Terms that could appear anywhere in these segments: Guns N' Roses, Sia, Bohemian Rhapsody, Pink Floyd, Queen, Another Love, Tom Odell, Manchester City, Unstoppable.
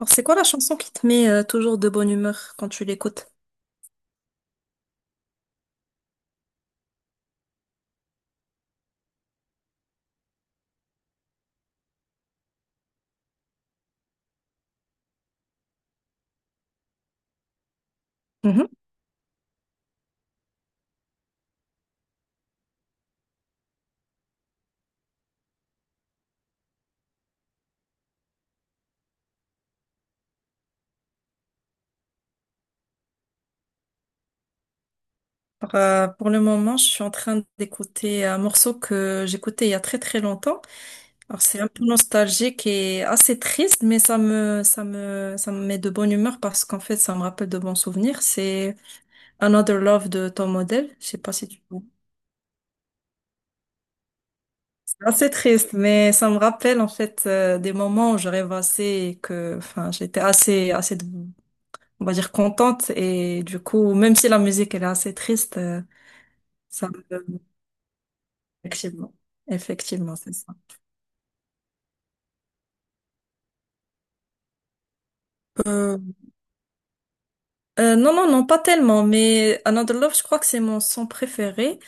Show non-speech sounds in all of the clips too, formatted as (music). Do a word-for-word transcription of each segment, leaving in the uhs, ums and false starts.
Alors, c'est quoi la chanson qui te met euh, toujours de bonne humeur quand tu l'écoutes? Mhm. Alors, euh, pour le moment, je suis en train d'écouter un morceau que j'écoutais il y a très très longtemps. Alors, c'est un peu nostalgique et assez triste, mais ça me, ça me, ça me met de bonne humeur parce qu'en fait, ça me rappelle de bons souvenirs. C'est Another Love de Tom Odell. Je sais pas si tu vois. C'est assez triste, mais ça me rappelle en fait euh, des moments où je rêvassais et que, enfin, j'étais assez, assez de on va dire, contente. Et du coup, même si la musique, elle est assez triste, euh, ça me... Effectivement. Effectivement, c'est ça. Euh, euh, non, non, non, pas tellement. Mais Another Love, je crois que c'est mon son préféré.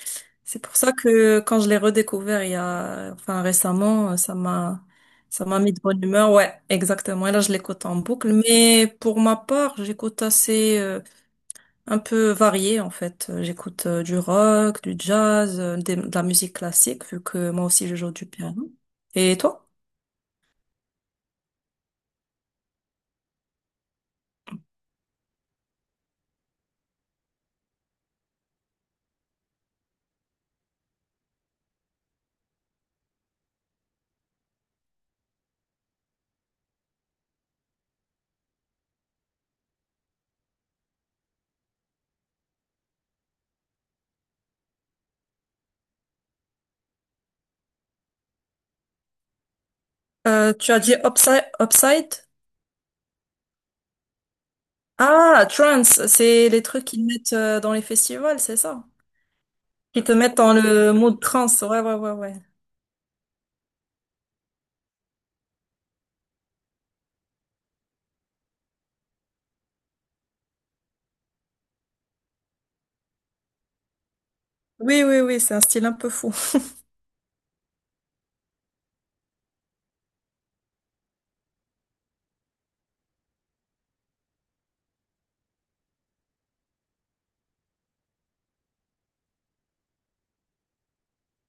C'est pour ça que quand je l'ai redécouvert il y a... Enfin, récemment, euh, ça m'a... Ça m'a mis de bonne humeur. Ouais, exactement. Et là, je l'écoute en boucle. Mais pour ma part, j'écoute assez... euh, un peu varié en fait. Euh, J'écoute euh, du rock, du jazz, euh, des- de la musique classique vu que moi aussi je joue du piano. Et toi? Euh, tu as dit upside, upside? Ah, trance, c'est les trucs qu'ils mettent euh, dans les festivals, c'est ça? Qui te mettent dans le mood trance. Ouais, ouais, ouais, ouais. Oui, oui, oui, c'est un style un peu fou.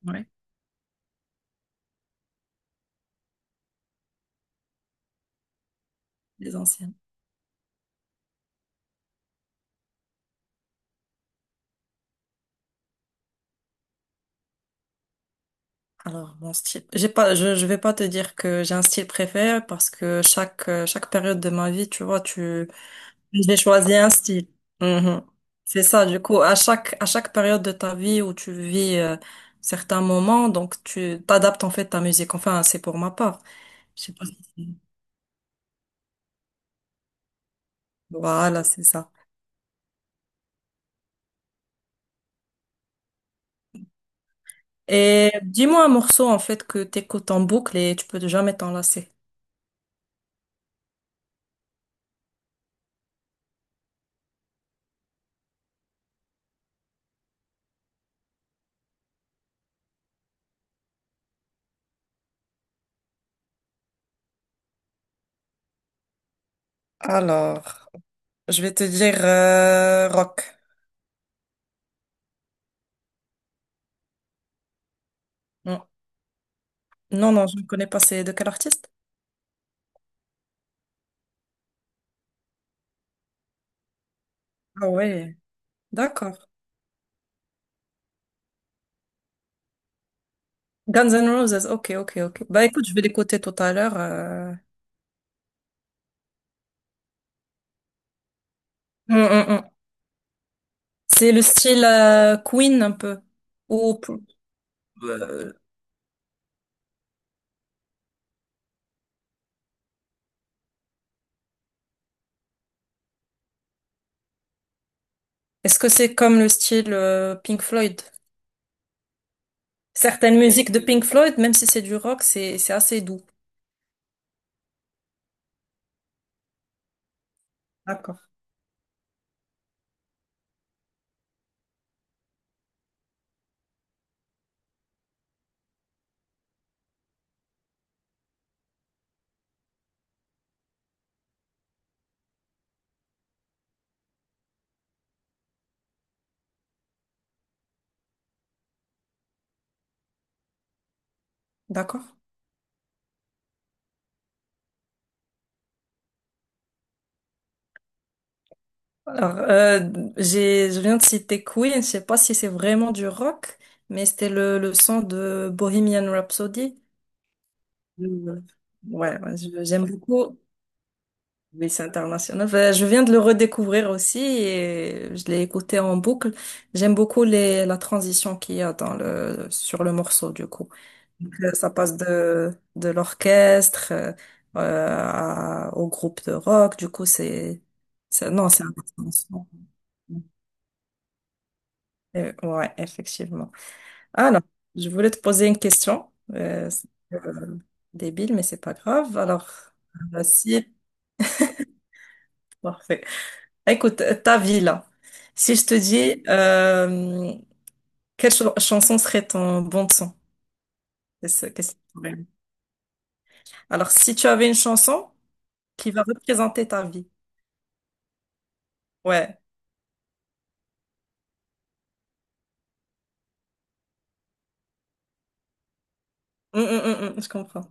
Ouais, (laughs) les anciennes. Alors, mon style, j'ai pas, je, je vais pas te dire que j'ai un style préféré parce que chaque, euh, chaque période de ma vie, tu vois, tu, j'ai choisi un style. Mhm. C'est ça, du coup, à chaque, à chaque période de ta vie où tu vis euh, certains moments, donc tu t'adaptes en fait ta musique. Enfin, c'est pour ma part. Je sais pas si... Voilà, c'est ça. Et dis-moi un morceau en fait que t'écoutes en boucle et tu peux jamais t'en lasser. Alors, je vais te dire euh, rock. Non, non, non, je ne connais pas. C'est de quel artiste? Ah ouais, d'accord. Guns N' Roses. Ok, ok, ok. Bah écoute, je vais l'écouter tout à l'heure. Euh. Mm, mm, mm. C'est le style euh, Queen un peu. Ou est-ce que c'est comme le style euh, Pink Floyd? Certaines musiques de Pink Floyd, même si c'est du rock, c'est c'est assez doux. D'accord. D'accord. Alors, euh, j'ai je viens de citer Queen, je sais pas si c'est vraiment du rock, mais c'était le le son de Bohemian Rhapsody. Je- Ouais, ouais, je- j'aime beaucoup. Oui, c'est international. Enfin, je viens de le redécouvrir aussi et je l'ai écouté en boucle. J'aime beaucoup les, la transition qu'il y a dans le, sur le morceau, du coup. Donc, euh, ça passe de, de l'orchestre, euh, euh, à- au groupe de rock. Du coup, c'est, c'est, non, c'est intéressant. Euh, ouais, effectivement. Alors, je voulais te poser une question. Euh, c'est, euh, débile, mais c'est pas grave. Alors, voici. Parfait. Écoute, ta vie là. Si je te dis, euh, quelle ch- chanson serait ton bon de son? Qu'est-ce- qu'est-ce que tu aurais... Alors, si tu avais une chanson qui va représenter ta vie. Ouais. Hum, hum, hum, hum, je comprends.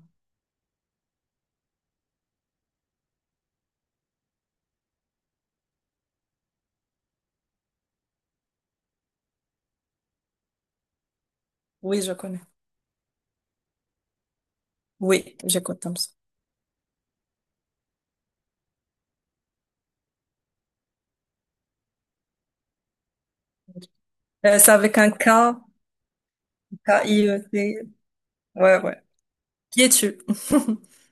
Oui, je connais. Oui, j'écoute comme ça. Euh, c'est avec un K, K-I-E-T. Ouais, ouais. Qui es-tu? (laughs)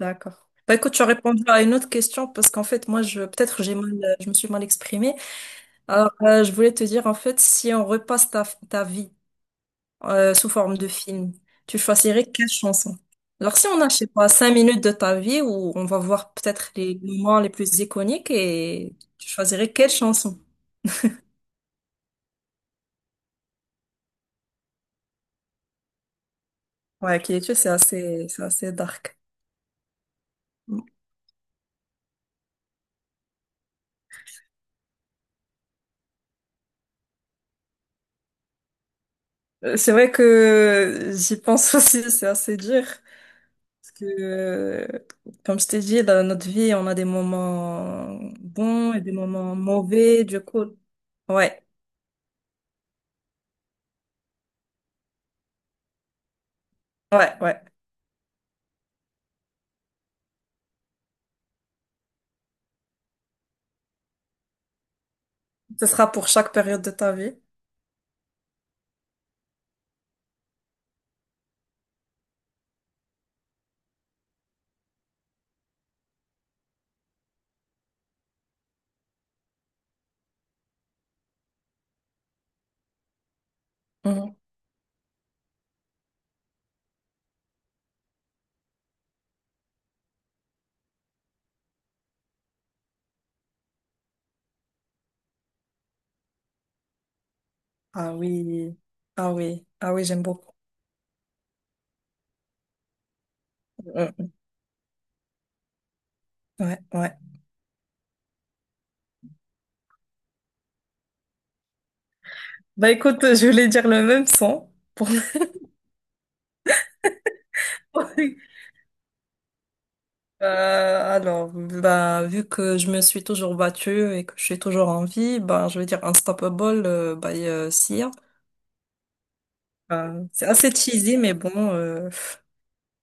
D'accord. Bah écoute, tu as répondu à une autre question parce qu'en fait, moi, je peut-être j'ai mal, je me suis mal exprimée. Alors, euh, je voulais te dire, en fait, si on repasse ta, ta vie euh, sous forme de film. Tu choisirais quelle chanson? Alors, si on a, je sais pas, cinq minutes de ta vie où on va voir peut-être les moments les plus iconiques et tu choisirais quelle chanson? Ouais, qui est c'est assez, c'est assez dark. Euh, C'est vrai que j'y pense (laughs) aussi, c'est assez dur. Parce que, euh, comme je t'ai dit, dans notre vie, on a des moments bons et des moments mauvais, du coup. Ouais, ouais, ouais. Ce sera pour chaque période de ta vie. Mhm. Ah oui, ah oui, ah oui, j'aime beaucoup. Mhm. Ouais, ouais. Bah écoute, je voulais dire le même son pour... (laughs) Euh, alors, bah, vu que je me suis toujours battue et que je suis toujours en vie, bah, je vais dire Unstoppable euh, by euh, Sia. Euh, c'est assez cheesy, mais bon, euh,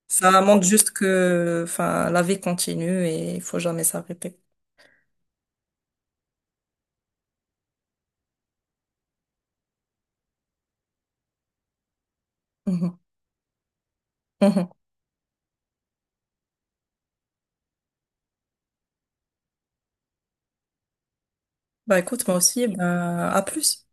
ça montre juste que, enfin, la vie continue et il faut jamais s'arrêter. (laughs) Mhm. Mhm. Bah, écoute, moi aussi, bah, à plus.